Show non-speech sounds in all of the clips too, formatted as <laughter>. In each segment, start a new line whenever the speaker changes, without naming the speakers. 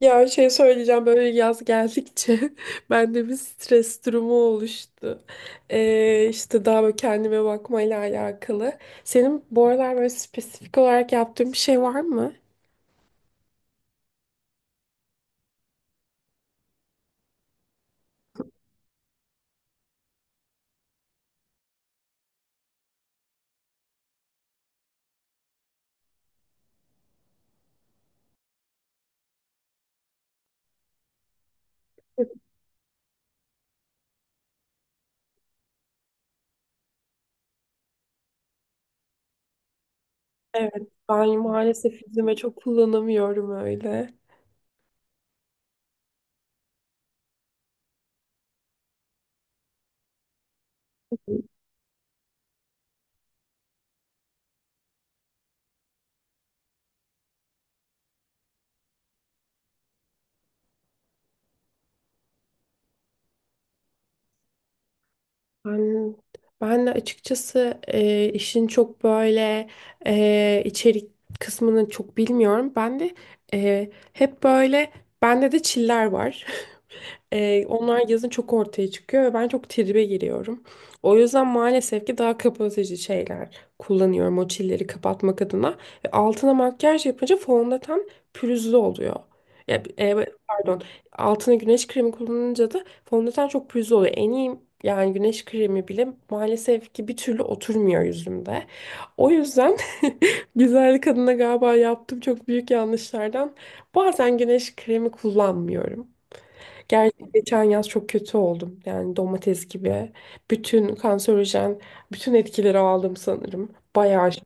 Ya şey söyleyeceğim böyle yaz geldikçe <laughs> bende bir stres durumu oluştu. İşte daha böyle kendime bakmayla alakalı. Senin bu aralar böyle spesifik olarak yaptığın bir şey var mı? Evet, ben maalesef yüzüme çok kullanamıyorum öyle. Ben, ben de açıkçası işin çok böyle içerik kısmını çok bilmiyorum. Ben de hep böyle bende de çiller var. Onlar yazın çok ortaya çıkıyor ve ben çok tribe giriyorum. O yüzden maalesef ki daha kapatıcı şeyler kullanıyorum o çilleri kapatmak adına. Ve altına makyaj yapınca fondöten pürüzlü oluyor. Ya, pardon, altına güneş kremi kullanınca da fondöten çok pürüzlü oluyor. En iyi yani güneş kremi bile maalesef ki bir türlü oturmuyor yüzümde. O yüzden <laughs> güzellik adına galiba yaptığım çok büyük yanlışlardan bazen güneş kremi kullanmıyorum. Gerçi geçen yaz çok kötü oldum. Yani domates gibi. Bütün kanserojen, bütün etkileri aldım sanırım. Bayağı şey.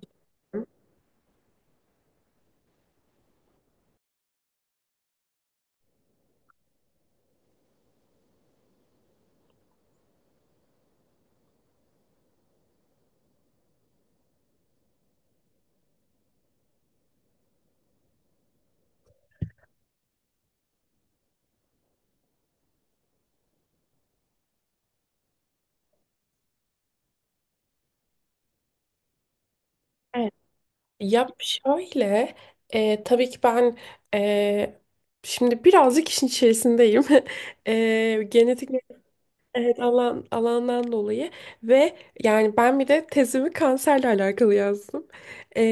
Evet. Ya şöyle, tabii ki ben e, şimdi birazcık işin içerisindeyim. <laughs> Genetik. Evet, alandan dolayı ve yani ben bir de tezimi kanserle alakalı yazdım. Ee,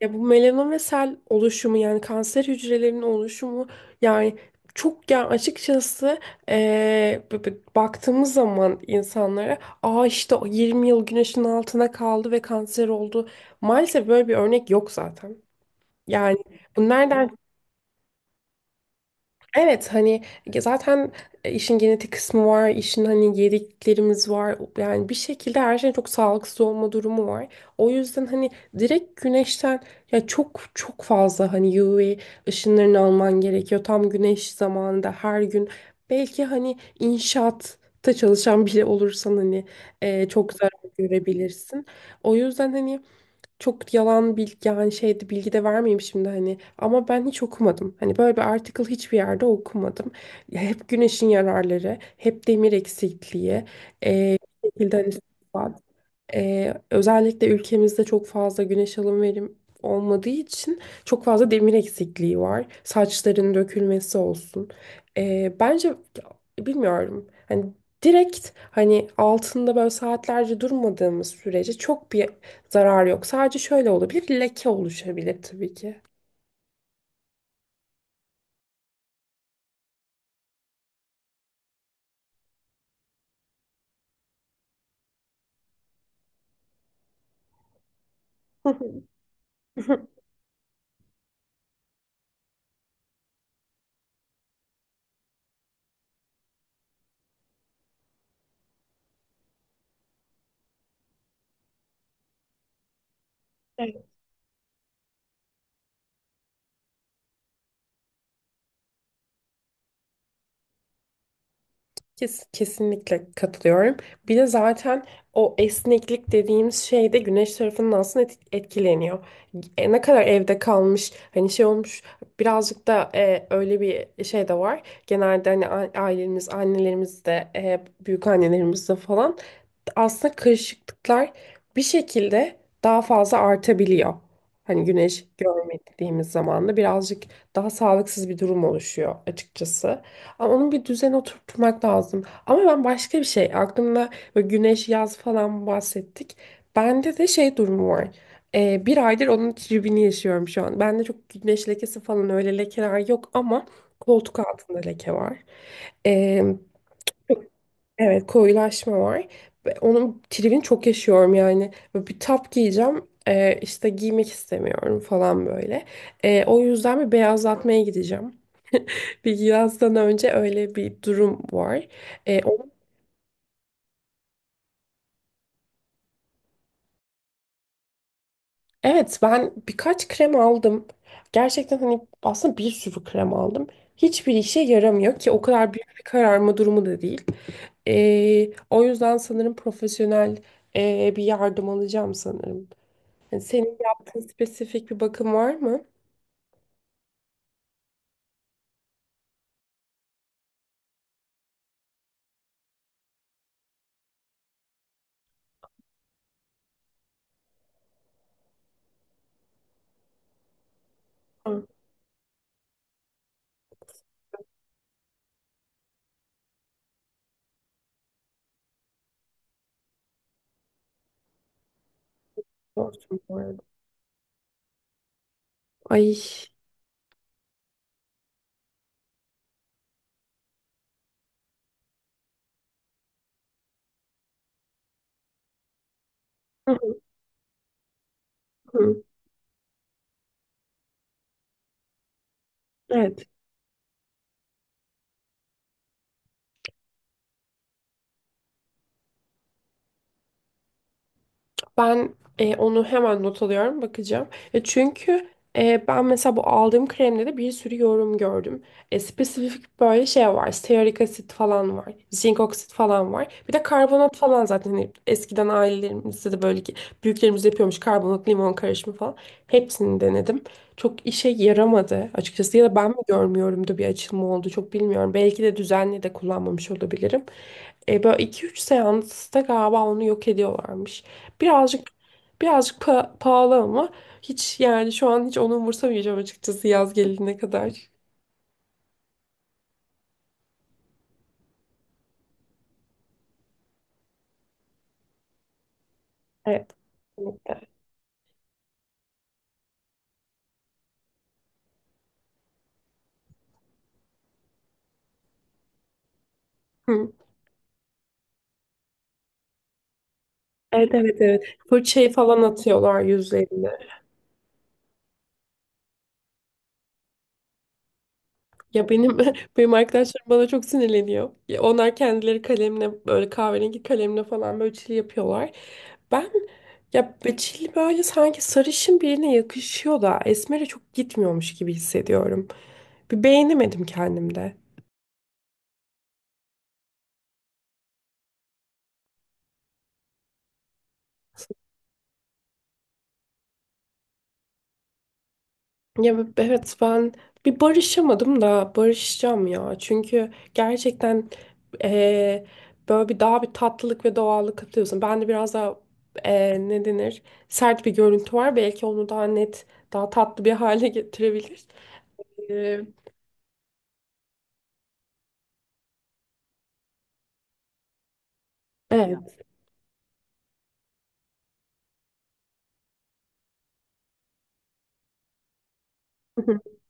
ya bu melanom ve sel oluşumu yani kanser hücrelerinin oluşumu yani çok yani açıkçası baktığımız zaman insanlara işte o 20 yıl güneşin altına kaldı ve kanser oldu. Maalesef böyle bir örnek yok zaten. Yani bu nereden. Evet, hani zaten işin genetik kısmı var, işin hani yediklerimiz var. Yani bir şekilde her şeyin çok sağlıksız olma durumu var. O yüzden hani direkt güneşten ya çok çok fazla hani UV ışınlarını alman gerekiyor. Tam güneş zamanında her gün belki hani inşaatta çalışan biri olursan hani çok zarar görebilirsin. O yüzden hani çok yalan bilgi yani şeydi bilgi de vermeyeyim şimdi hani ama ben hiç okumadım. Hani böyle bir article hiçbir yerde okumadım. Ya hep güneşin yararları, hep demir eksikliği, e, bir şekilde hani özellikle ülkemizde çok fazla güneş alım verim olmadığı için çok fazla demir eksikliği var. Saçların dökülmesi olsun. Bence bilmiyorum. Hani direkt hani altında böyle saatlerce durmadığımız sürece çok bir zarar yok. Sadece şöyle olabilir, leke oluşabilir tabii ki. <laughs> Kesinlikle katılıyorum. Bir de zaten o esneklik dediğimiz şey de güneş tarafından aslında etkileniyor. Ne kadar evde kalmış, hani şey olmuş birazcık da öyle bir şey de var. Genelde hani ailemiz, annelerimiz de, büyük annelerimiz de falan aslında karışıklıklar bir şekilde daha fazla artabiliyor. Hani güneş görmediğimiz zaman da birazcık daha sağlıksız bir durum oluşuyor açıkçası. Ama onun bir düzen oturtmak lazım. Ama ben başka bir şey aklımda böyle güneş yaz falan bahsettik. Bende de şey durumu var. Bir aydır onun tribini yaşıyorum şu an. Bende çok güneş lekesi falan öyle lekeler yok ama koltuk altında leke var. Ee, evet, koyulaşma var. Ve onun tribini çok yaşıyorum yani. Böyle bir tap giyeceğim. İşte giymek istemiyorum falan böyle. O yüzden bir beyazlatmaya gideceğim. Bir yazdan önce öyle bir durum var. Ee, o- evet, ben birkaç krem aldım. Gerçekten hani aslında bir sürü krem aldım. Hiçbir işe yaramıyor ki o kadar büyük bir kararma durumu da değil. O yüzden sanırım profesyonel bir yardım alacağım sanırım. Yani senin yaptığın spesifik bir bakım var mı? Ha, olsun bu arada. Ay. Hı hı. Evet. Ben onu hemen not alıyorum, bakacağım. Çünkü ben mesela bu aldığım kremde de bir sürü yorum gördüm. Spesifik böyle şey var. Stearik asit falan var. Zinc oksit falan var. Bir de karbonat falan zaten. Hani eskiden ailelerimizde de böyle ki büyüklerimiz yapıyormuş karbonat limon karışımı falan. Hepsini denedim. Çok işe yaramadı açıkçası. Ya da ben mi görmüyorumdu bir açılma oldu çok bilmiyorum. Belki de düzenli de kullanmamış olabilirim. Böyle 2-3 seansta galiba onu yok ediyorlarmış. Birazcık birazcık pahalı ama hiç yani şu an hiç onu umursamayacağım açıkçası yaz gelene kadar. Evet. Kesinlikle. Hı. Evet, evet, evet. Fırçayı falan atıyorlar yüzlerine. Ya benim <laughs> benim arkadaşlarım bana çok sinirleniyor. Ya onlar kendileri kalemle böyle kahverengi kalemle falan böyle çil yapıyorlar. Ben Çil böyle sanki sarışın birine yakışıyor da esmere çok gitmiyormuş gibi hissediyorum. Bir beğenemedim kendimde. Evet, ben bir barışamadım da barışacağım ya. Çünkü gerçekten eee, böyle bir daha bir tatlılık ve doğallık katıyorsun. Bende biraz daha ne denir, sert bir görüntü var. Belki onu daha net, daha tatlı bir <laughs> hale getirebilir. Eee, evet. <laughs>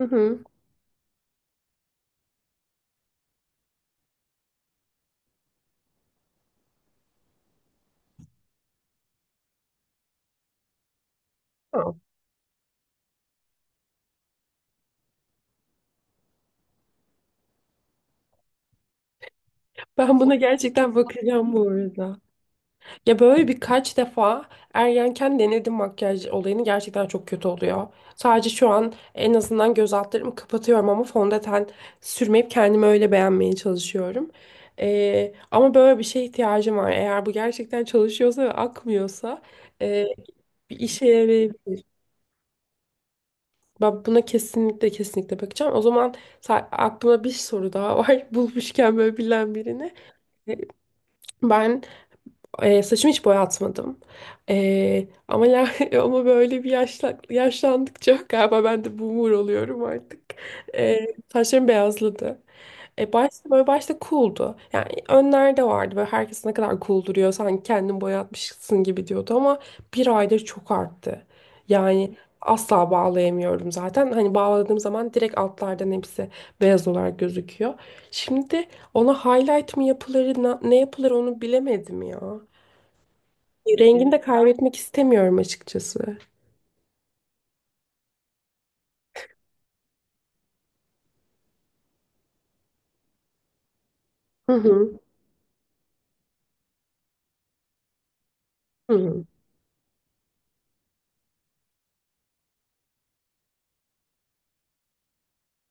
Hı hı. Ben buna gerçekten bakacağım bu arada. Ya böyle birkaç defa ergenken denedim makyaj olayını gerçekten çok kötü oluyor. Sadece şu an en azından göz altlarımı kapatıyorum ama fondöten sürmeyip kendimi öyle beğenmeye çalışıyorum. Ama böyle bir şeye ihtiyacım var. Eğer bu gerçekten çalışıyorsa ve akmıyorsa e, bir işe yarayabilir. Ben buna kesinlikle kesinlikle bakacağım. O zaman aklımda bir soru daha var. <laughs> Bulmuşken böyle bilen birini. E, Ben saçımı hiç boyatmadım. Ama ya, <laughs> ama böyle bir yaşla, yaşlandıkça <laughs> galiba ben de boomer oluyorum artık. Eee saçlarım beyazladı. Başta böyle başta cool'du. Yani önlerde vardı böyle herkes ne kadar cool duruyor sanki kendin boyatmışsın gibi diyordu ama bir aydır çok arttı. Yani asla bağlayamıyorum zaten. Hani bağladığım zaman direkt altlardan hepsi beyaz olarak gözüküyor. Şimdi ona highlight mı yapılır, ne yapılır onu bilemedim ya. Rengini de, evet, kaybetmek istemiyorum açıkçası. Hı hı. Hı hı.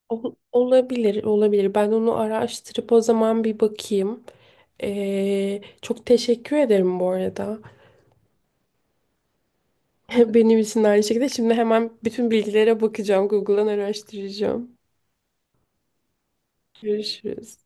Olabilir, olabilir. Ben onu araştırıp o zaman bir bakayım. Çok teşekkür ederim bu arada. <laughs> Benim için de aynı şekilde. Şimdi hemen bütün bilgilere bakacağım. Google'dan araştıracağım. Görüşürüz.